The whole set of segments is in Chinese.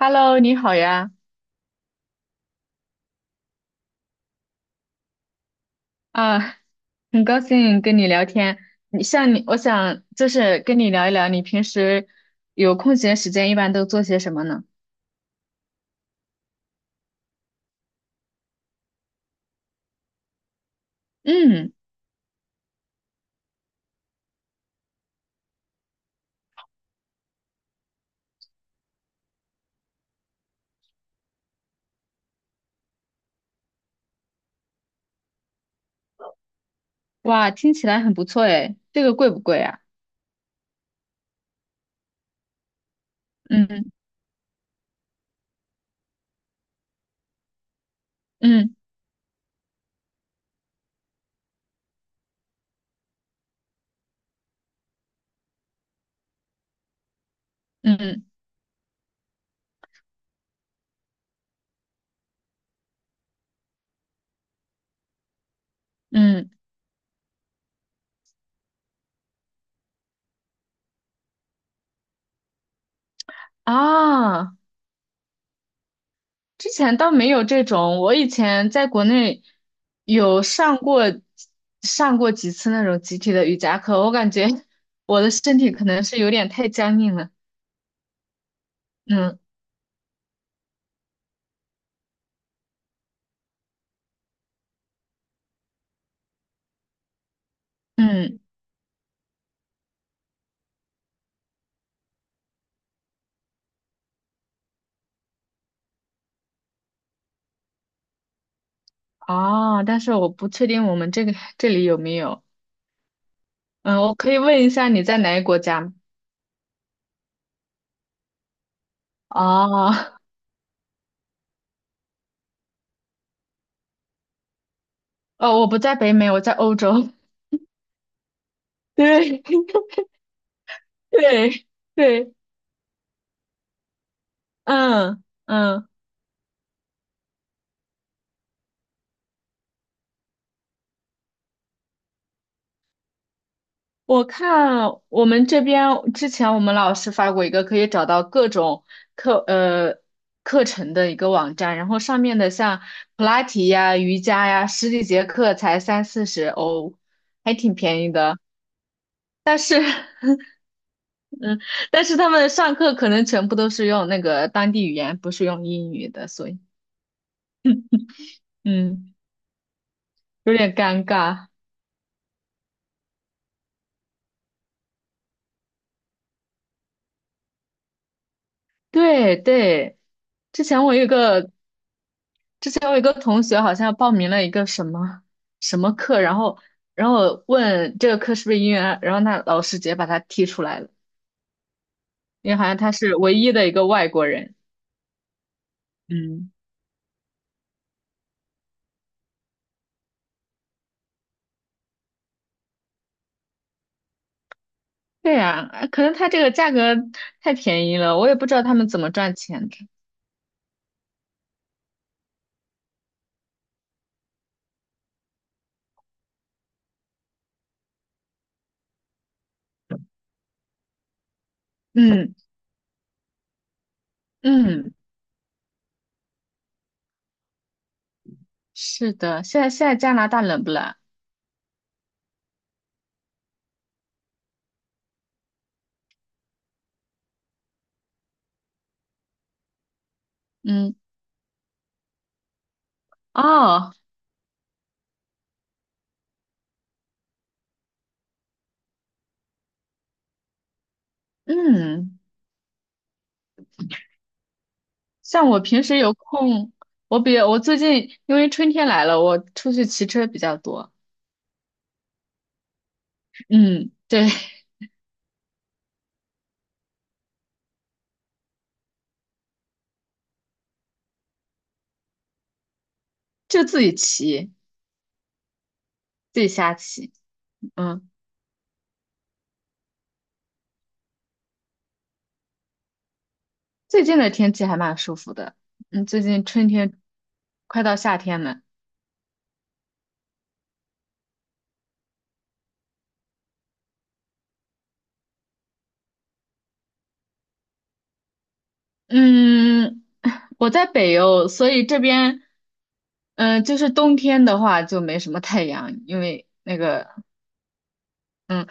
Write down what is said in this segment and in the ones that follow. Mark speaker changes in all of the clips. Speaker 1: Hello，你好呀，啊，很高兴跟你聊天。你像你，我想就是跟你聊一聊，你平时有空闲时间一般都做些什么呢？嗯，哇，听起来很不错诶，这个贵不贵啊？嗯嗯嗯嗯。啊，之前倒没有这种，我以前在国内有上过几次那种集体的瑜伽课，我感觉 我的身体可能是有点太僵硬了。嗯嗯。哦，但是我不确定我们这里有没有。嗯，我可以问一下你在哪个国家吗？哦，哦，我不在北美，我在欧洲。对 对，对，嗯嗯，我看我们这边之前我们老师发过一个可以找到各种课呃课程的一个网站，然后上面的像普拉提呀、瑜伽呀，十几节课才三四十欧，还挺便宜的。是。但是他们上课可能全部都是用那个当地语言，不是用英语的，所以嗯，有点尴尬。对对，之前我有一个之前我有一个同学好像报名了一个什么什么课，然后问这个课是不是英语啊然后那老师直接把他踢出来了，因为好像他是唯一的一个外国人。嗯，对呀，啊可能他这个价格太便宜了，我也不知道他们怎么赚钱的。嗯嗯。是的，现在加拿大冷不冷啊？嗯，哦，嗯，像我平时有空，我最近因为春天来了，我出去骑车比较多。嗯，对，就自己骑，自己瞎骑。嗯，最近的天气还蛮舒服的。嗯，最近春天快到夏天了。嗯，我在北欧，所以这边，嗯、就是冬天的话就没什么太阳，因为那个嗯，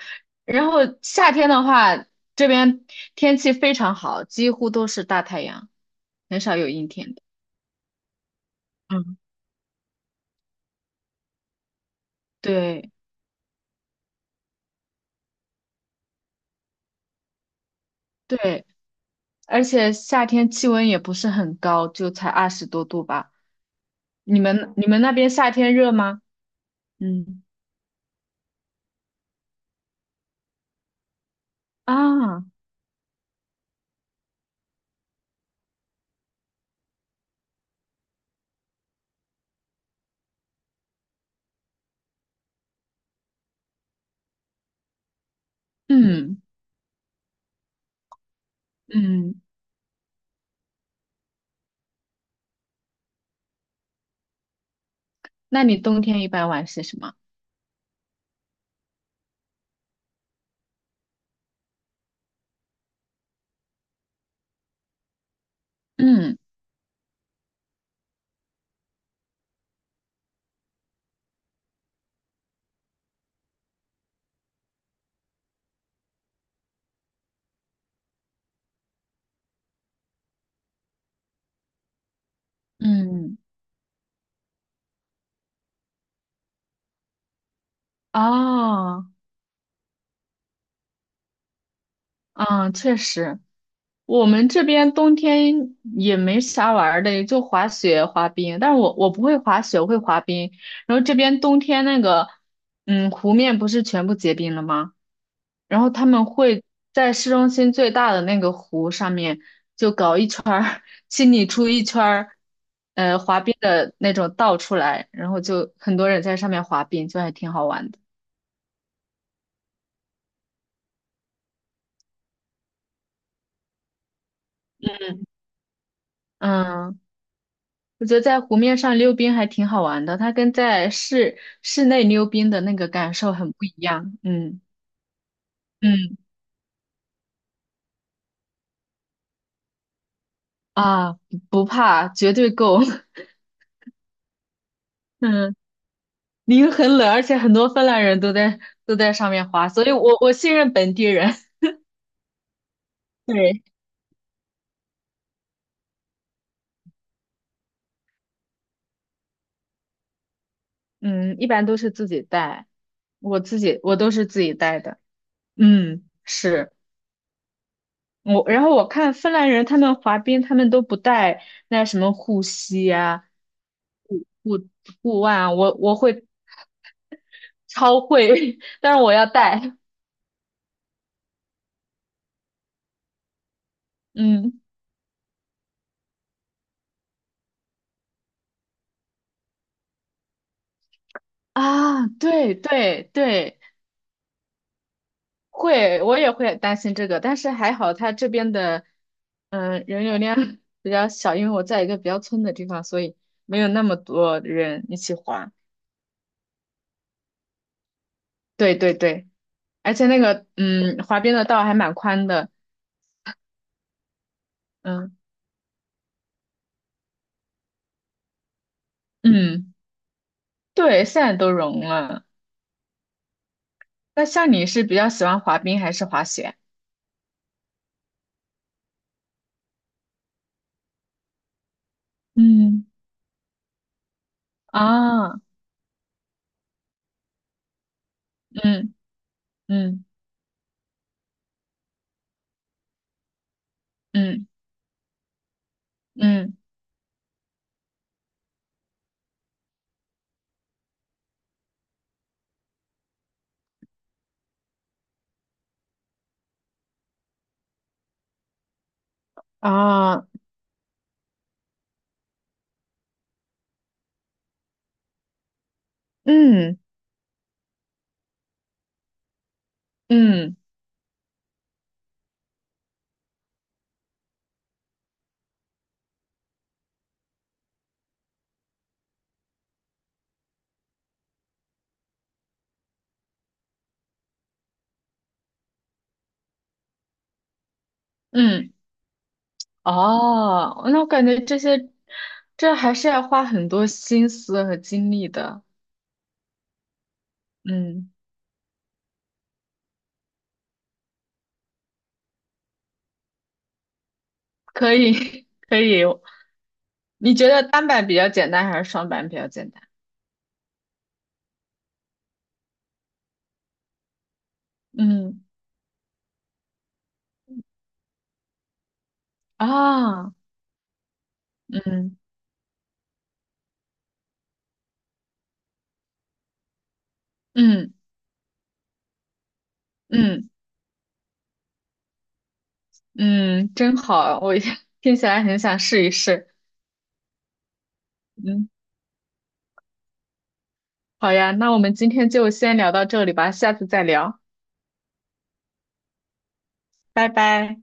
Speaker 1: 然后夏天的话，这边天气非常好，几乎都是大太阳，很少有阴天的。嗯，对对，而且夏天气温也不是很高，就才二十多度吧。你们那边夏天热吗？嗯啊，嗯嗯，那你冬天一般玩些什么？嗯嗯，哦，嗯，确实。我们这边冬天也没啥玩儿的，也就滑雪、滑冰。但是我不会滑雪，我会滑冰。然后这边冬天湖面不是全部结冰了吗？然后他们会在市中心最大的那个湖上面就搞一圈儿，清理出一圈儿，滑冰的那种道出来，然后就很多人在上面滑冰，就还挺好玩的。嗯。我觉得在湖面上溜冰还挺好玩的，它跟在室内溜冰的那个感受很不一样。嗯嗯啊，不怕，绝对够。嗯，因为很冷，而且很多芬兰人都在上面滑，所以我信任本地人。对，嗯，一般都是自己带，我都是自己带的。嗯，是。然后我看芬兰人他们滑冰，他们都不带那什么护膝呀、护护护腕啊，我会超会，但是我要带，嗯啊，对对对，会，我也会担心这个，但是还好他这边的人流量 比较小，因为我在一个比较村的地方，所以没有那么多人一起滑，对对对，而且滑冰的道还蛮宽的，嗯嗯。对，现在都融了。那像你是比较喜欢滑冰还是滑雪？嗯啊，嗯嗯嗯嗯啊，嗯嗯嗯哦，那我感觉这些，这还是要花很多心思和精力的。嗯，可以 可以。你觉得单板比较简单还是双板比较简单？嗯啊，嗯嗯嗯嗯，真好，我 听起来很想试一试。嗯，好呀，那我们今天就先聊到这里吧，下次再聊，拜拜。